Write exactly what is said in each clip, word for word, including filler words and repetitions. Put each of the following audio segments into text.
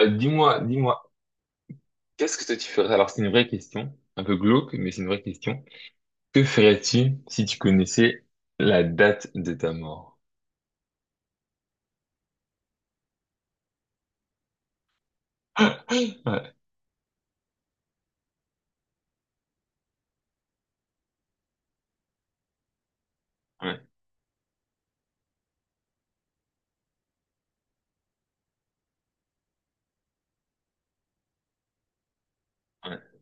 Euh, dis-moi, dis-moi, qu'est-ce que toi tu ferais? Alors c'est une vraie question, un peu glauque, mais c'est une vraie question. Que ferais-tu si tu connaissais la date de ta mort? Ouais, ouais, ouais,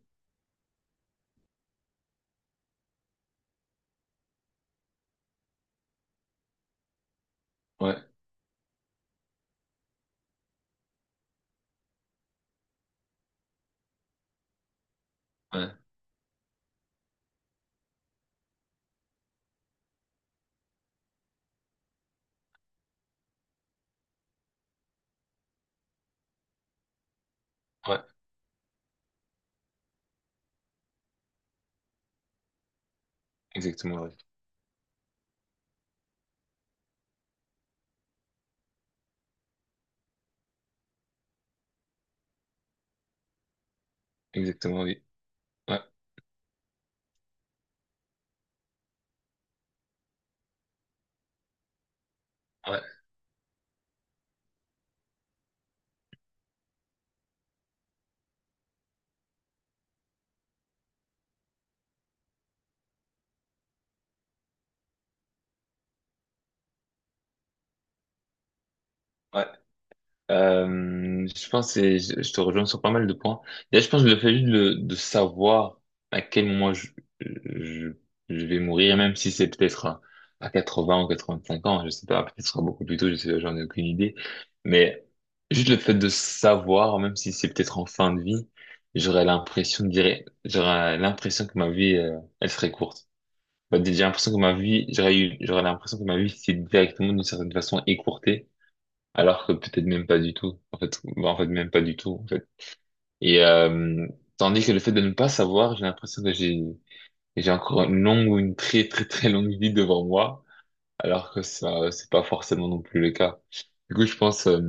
ouais, ouais, ouais, exactement, oui. Exactement, oui. Ouais, ouais, ouais. Euh, je pense que c'est- je je te rejoins sur pas mal de points. Là, je pense que le fait juste de, de savoir à quel moment je, je, je vais mourir, même si c'est peut-être à quatre-vingts ou quatre-vingt-cinq ans, je sais pas, peut-être ce sera beaucoup plus tôt, je sais, j'en ai aucune idée. Mais juste le fait de savoir, même si c'est peut-être en fin de vie, j'aurais l'impression de dire, j'aurais l'impression que ma vie, euh, elle serait courte. Bah, j'ai l'impression que ma vie, j'aurais eu, j'aurais l'impression que ma vie s'est directement d'une certaine façon écourtée alors que peut-être même pas du tout. En fait, bah, en fait, même pas du tout, en fait. Et euh, tandis que le fait de ne pas savoir, j'ai l'impression que j'ai j'ai encore une longue ou une très très très longue vie devant moi, alors que ça c'est pas forcément non plus le cas. Du coup, je pense euh,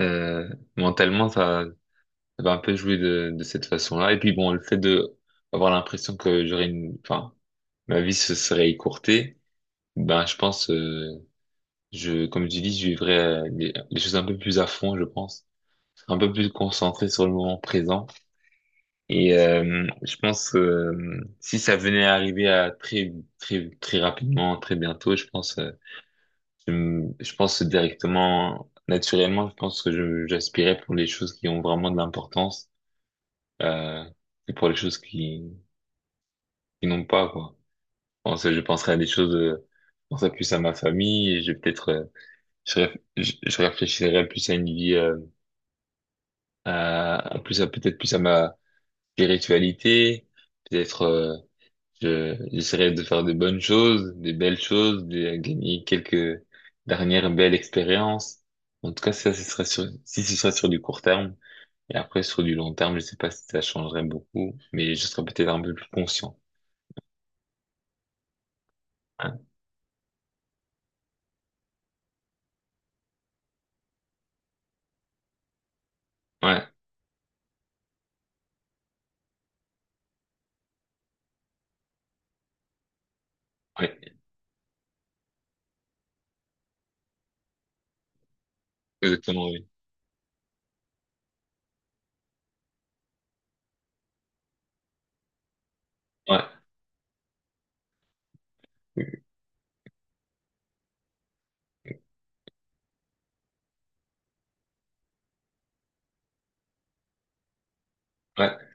euh, mentalement ça, ça va un peu jouer de de cette façon-là. Et puis bon, le fait de avoir l'impression que j'aurais une, enfin, ma vie se serait écourtée, ben je pense, euh, je comme je dis, je vivrais euh, les les choses un peu plus à fond, je pense. Un peu plus concentré sur le moment présent. Et euh, je pense que euh, si ça venait à arriver à très très très rapidement, très bientôt, je pense euh, je, me- je pense directement naturellement, je pense que je j'aspirais pour les choses qui ont vraiment de l'importance euh, et pour les choses qui qui n'ont pas quoi. Je pense, je penserais à des choses euh, je penserais plus à ma famille et je peut-être euh, je, réf- je, je réfléchirais plus à une vie euh, à, à plus à peut-être plus à ma spiritualité, peut-être euh, je, j'essaierai de faire de bonnes choses, des belles choses, de gagner quelques dernières belles expériences. En tout cas, ça, ce serait sur, si ce serait sur du court terme. Et après, sur du long terme, je sais pas si ça changerait beaucoup, mais je serais peut-être un peu plus conscient. Hein. Ouais, ouais, exactement, oui. Ouais, ouais.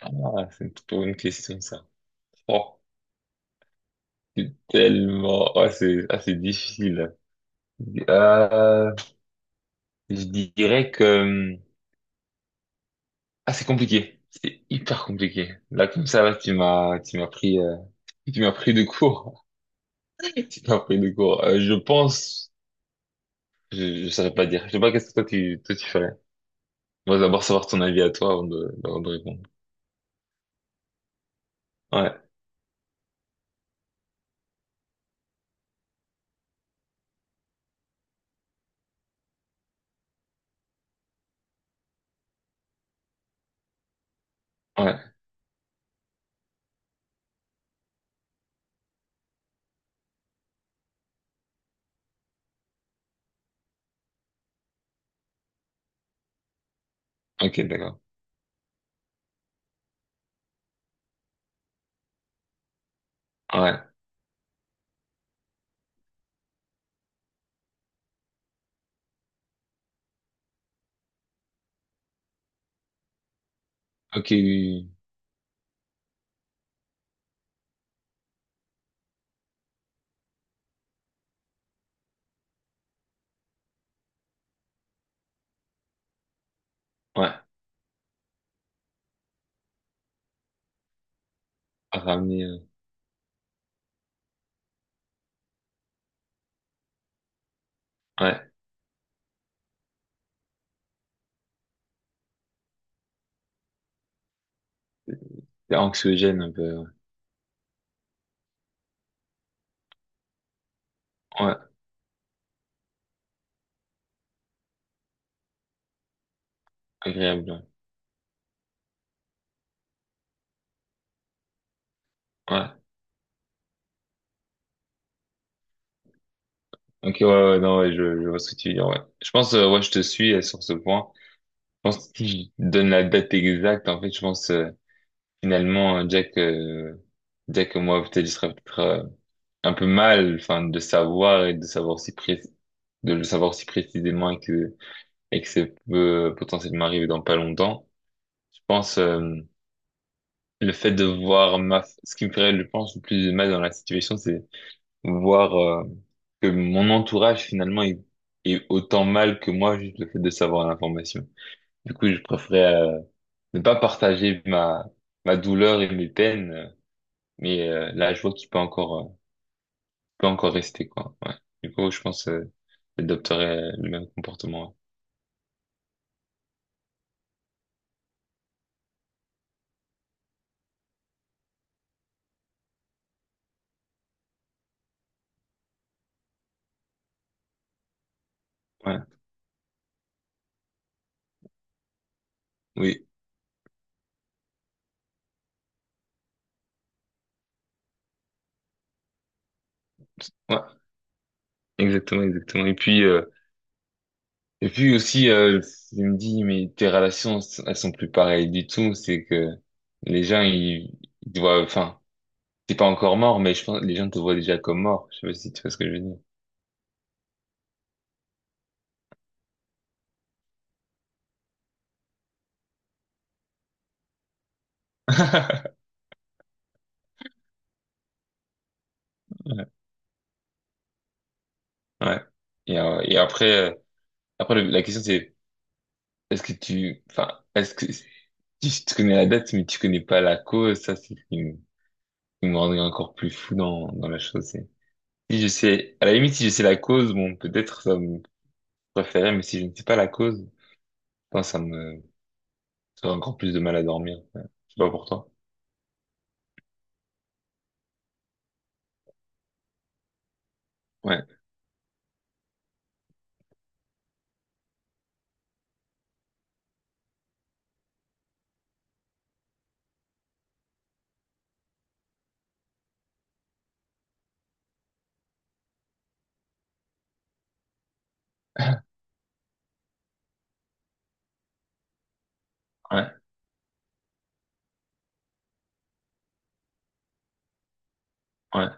Ah, c'est une trop bonne question, ça. Oh, c'est tellement, ah, c'est, ah, c'est difficile. Ah, je dirais que, hum, ah, c'est compliqué. C'est hyper compliqué. Là, comme ça, là, tu m'as, tu m'as pris, euh, tu m'as pris de court. Tu m'as pris de court. Euh, je pense, je, je saurais pas dire. Je sais pas qu'est-ce que toi tu, toi tu ferais. On va d'abord savoir ton avis à toi avant de, avant de répondre. Ouais, ouais. Ok, d'accord. Ouais. Ok, oui, oui. Oui. Ouais. À ramener, euh, ouais. C'est anxiogène un peu. Ouais. Ouais, agréable. Ouais. Ouais. Ok, ouais, ouais, non, ouais, je, je vois ce que tu veux dire, ouais. Je pense, euh, ouais, je te suis euh, sur ce point. Je pense que si je donne la date exacte, en fait, je pense, euh, finalement, Jack, euh, Jack et moi, peut-être, je serais peut-être euh, un peu mal, enfin, de savoir et de savoir si pré- de le savoir si précisément et que, et que ça peut potentiellement arriver dans pas longtemps. Je pense, euh, le fait de voir ma, ce qui me ferait, je pense, le plus de mal dans la situation, c'est voir, euh, que mon entourage, finalement, est, est autant mal que moi, juste le fait de savoir l'information. Du coup, je préférerais, euh, ne pas partager ma, ma douleur et mes peines, mais euh, là, je vois qu'il peut encore, euh, peut encore rester, quoi. Ouais. Du coup, je pense euh, j'adopterais le même comportement. Ouais. Ouais. Oui. Ouais. Exactement, exactement. Et puis, euh, et puis aussi, euh, je me dis, mais tes relations, elles sont plus pareilles du tout. C'est que les gens, ils, ils te voient, enfin, t'es pas encore mort, mais je pense que les gens te voient déjà comme mort. Je sais pas si tu vois ce que je veux dire. Ouais. Ouais. Et, euh, et après, euh, après le- la question c'est, est-ce que tu, enfin, est-ce que si tu connais la date, mais tu connais pas la cause, ça, c'est ce qui me qui me rendrait encore plus fou dans, dans la chose. c'est- Si je sais, à la limite, si je sais la cause, bon, peut-être ça me préférait, mais si je ne sais pas la cause, putain, ça me, ça aurait encore plus de mal à dormir. Ouais. Je sais pas pour toi. Ouais. Ouais. Ouais.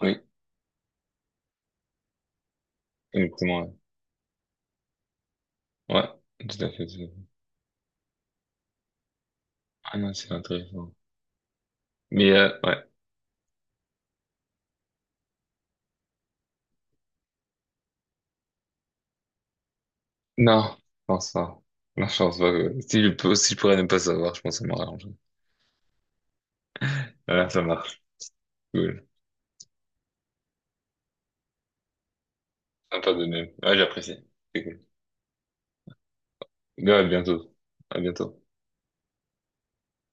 Oui. Exactement. Ouais. Ouais. Tout à fait. Tout à fait. Ah non, c'est intéressant. Mais, euh, ouais. Non. Je pense pas. Non, je pense pas que, si je peux, si je pourrais ne pas savoir, je pense que ça m'aurait arrangé. Ouais, ça marche. Cool. Sympa de même. Ouais, j'apprécie. Ouais, à bientôt. À bientôt.